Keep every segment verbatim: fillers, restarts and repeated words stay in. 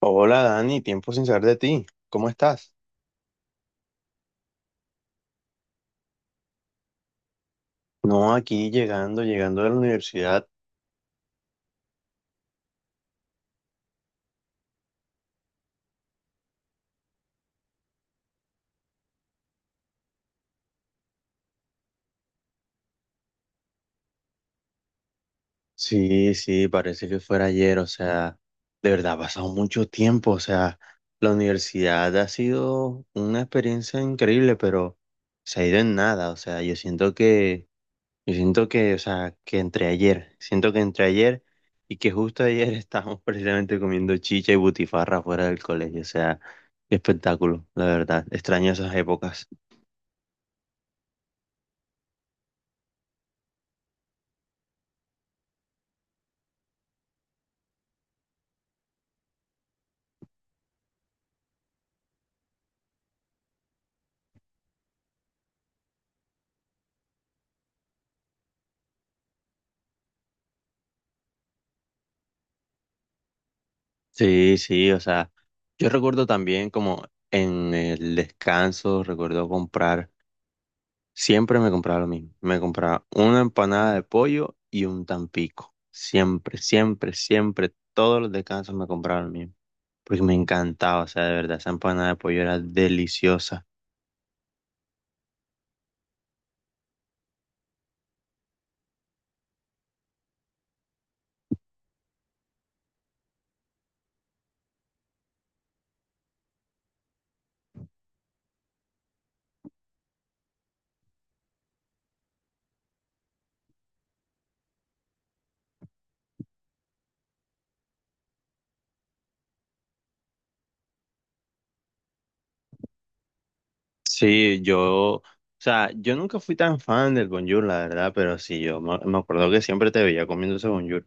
Hola Dani, tiempo sin saber de ti. ¿Cómo estás? No, aquí llegando, llegando de la universidad. Sí, sí, parece que fuera ayer, o sea, de verdad ha pasado mucho tiempo, o sea, la universidad ha sido una experiencia increíble, pero se ha ido en nada, o sea, yo siento que, yo siento que, o sea, que entre ayer, siento que entre ayer y que justo ayer estábamos precisamente comiendo chicha y butifarra fuera del colegio, o sea, qué espectáculo, la verdad, extraño esas épocas. Sí, sí, o sea, yo recuerdo también como en el descanso, recuerdo comprar, siempre me compraba lo mismo, me compraba una empanada de pollo y un tampico, siempre, siempre, siempre, todos los descansos me compraba lo mismo, porque me encantaba, o sea, de verdad, esa empanada de pollo era deliciosa. Sí, yo, o sea, yo nunca fui tan fan del bonjour, la verdad, pero sí, yo me, me acuerdo que siempre te veía comiendo ese bonjour.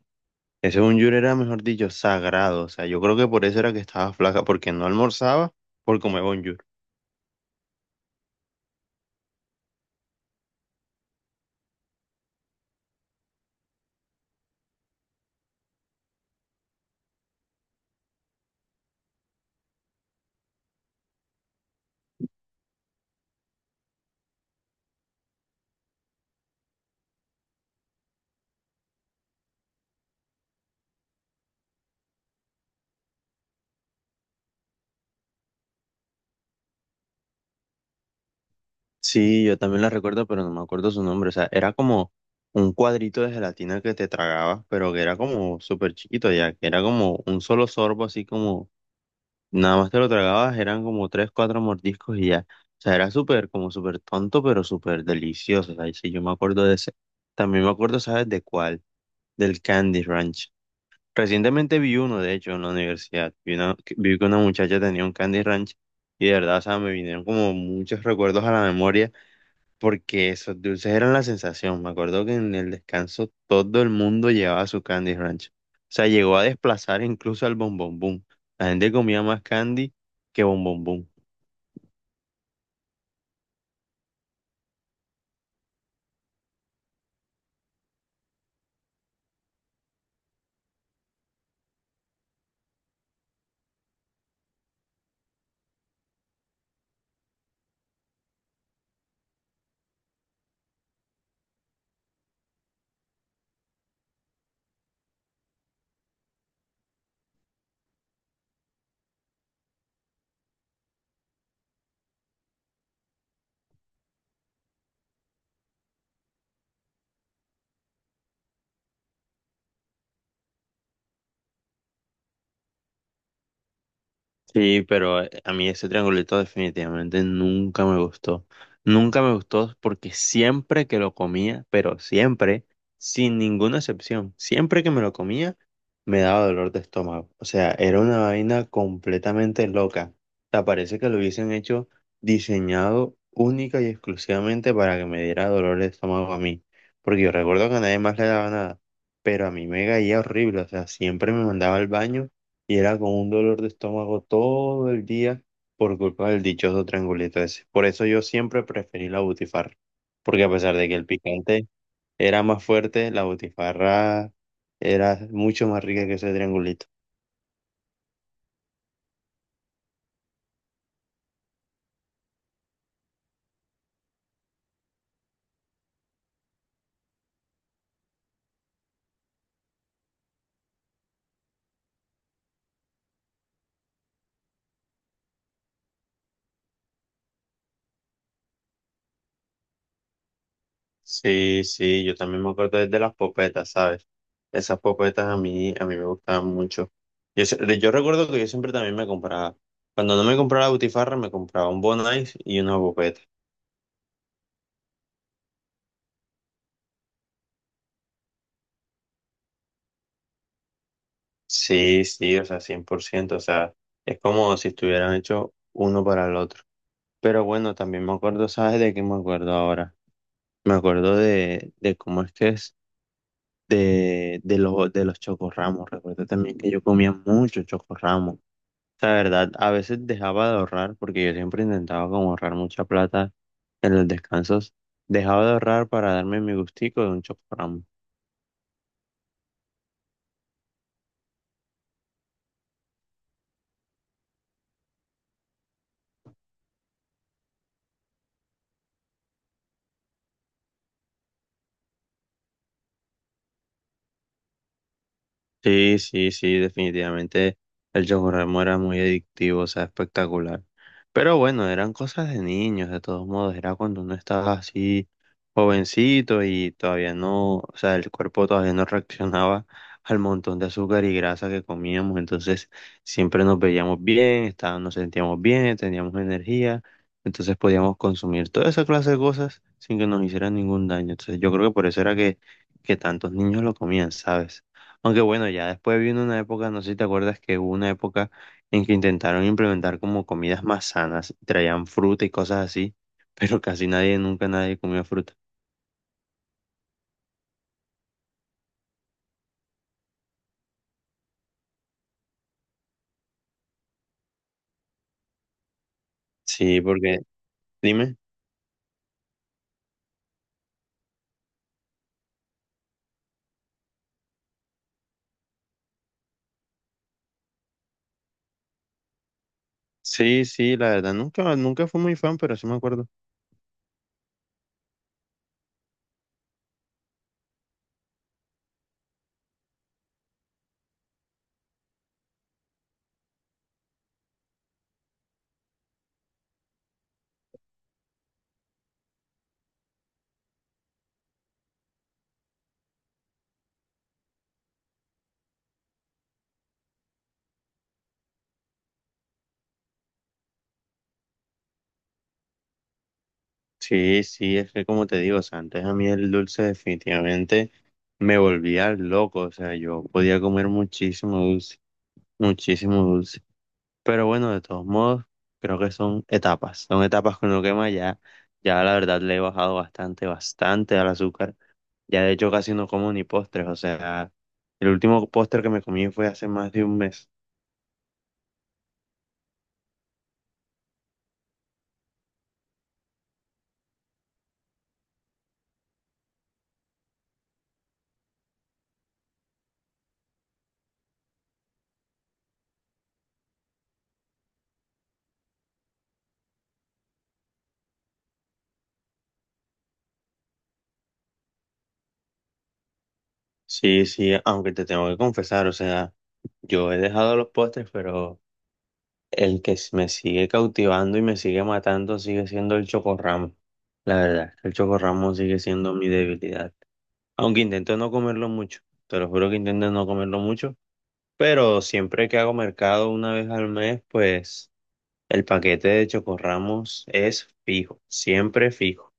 Ese bunyur era, mejor dicho, sagrado. O sea, yo creo que por eso era que estaba flaca, porque no almorzaba por comer bunyur. Sí, yo también la recuerdo, pero no me acuerdo su nombre. O sea, era como un cuadrito de gelatina que te tragabas, pero que era como súper chiquito ya, que era como un solo sorbo, así como nada más te lo tragabas, eran como tres, cuatro mordiscos y ya. O sea, era súper, como súper tonto, pero súper delicioso. O sea, sí, yo me acuerdo de ese. También me acuerdo, ¿sabes de cuál? Del Candy Ranch. Recientemente vi uno, de hecho, en la universidad. Vi, una- que- vi que una muchacha tenía un Candy Ranch y de verdad, o sea, me vinieron como muchos recuerdos a la memoria porque esos dulces eran la sensación. Me acuerdo que en el descanso todo el mundo llevaba su Candy Ranch. O sea, llegó a desplazar incluso al Bon Bon Boom. La gente comía más candy que Bon Bon Boom. Sí, pero eh, a mí ese triangulito definitivamente nunca me gustó. Nunca me gustó porque siempre que lo comía, pero siempre, sin ninguna excepción, siempre que me lo comía, me daba dolor de estómago. O sea, era una vaina completamente loca. O sea, parece que lo hubiesen hecho diseñado única y exclusivamente para que me diera dolor de estómago a mí. Porque yo recuerdo que a nadie más le daba nada, pero a mí me caía horrible. O sea, siempre me mandaba al baño y era con un dolor de estómago todo el día por culpa del dichoso triangulito ese. Por eso yo siempre preferí la butifarra, porque a pesar de que el picante era más fuerte, la butifarra era mucho más rica que ese triangulito. Sí, sí, yo también me acuerdo de las popetas, ¿sabes? Esas popetas a mí, a mí me gustaban mucho. Yo, se- yo recuerdo que yo siempre también me compraba, cuando no me compraba la butifarra, me compraba un Bon Ice y una popeta. Sí, sí, o sea, cien por ciento, o sea, es como si estuvieran hechos uno para el otro. Pero bueno, también me acuerdo, ¿sabes de qué me acuerdo ahora? Me acuerdo de, de cómo es que es de, de los, de los chocorramos. Recuerdo también que yo comía mucho chocorramos. La verdad, a veces dejaba de ahorrar, porque yo siempre intentaba como ahorrar mucha plata en los descansos. Dejaba de ahorrar para darme mi gustico de un chocorramo. Sí, sí, sí, definitivamente el Chocorramo era muy adictivo, o sea, espectacular. Pero bueno, eran cosas de niños, de todos modos, era cuando uno estaba así jovencito y todavía no, o sea, el cuerpo todavía no reaccionaba al montón de azúcar y grasa que comíamos, entonces siempre nos veíamos bien, estábamos, nos sentíamos bien, teníamos energía, entonces podíamos consumir toda esa clase de cosas sin que nos hicieran ningún daño. Entonces yo creo que por eso era que, que tantos niños lo comían, ¿sabes? Aunque bueno, ya después vino una época, no sé si te acuerdas que hubo una época en que intentaron implementar como comidas más sanas, traían fruta y cosas así, pero casi nadie, nunca nadie comió fruta. Sí, porque, dime, sí, sí, la verdad, nunca, nunca fui muy fan, pero sí me acuerdo. Sí, sí, es que como te digo, o sea, antes a mí el dulce definitivamente me volvía loco, o sea, yo podía comer muchísimo dulce, muchísimo dulce. Pero bueno, de todos modos, creo que son etapas. Son etapas con lo que más ya, ya la verdad le he bajado bastante, bastante al azúcar. Ya de hecho casi no como ni postres. O sea, el último postre que me comí fue hace más de un mes. Sí, sí, aunque te tengo que confesar, o sea, yo he dejado los postres, pero el que s- me sigue cautivando y me sigue matando sigue siendo el chocorramo. La verdad, el chocorramo sigue siendo mi debilidad. Aunque intento no comerlo mucho. Te lo juro que intento no comerlo mucho. Pero siempre que hago mercado una vez al mes, pues el paquete de Chocorramos es fijo, siempre fijo.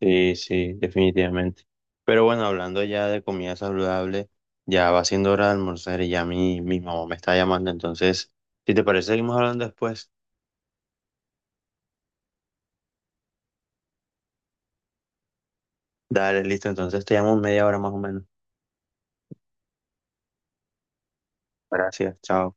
Sí, sí, definitivamente. Pero bueno, hablando ya de comida saludable, ya va siendo hora de almorzar y ya mi, mi mamá me está llamando. Entonces, si te parece, seguimos hablando después. Dale, listo. Entonces te llamo en media hora más o menos. Gracias, chao.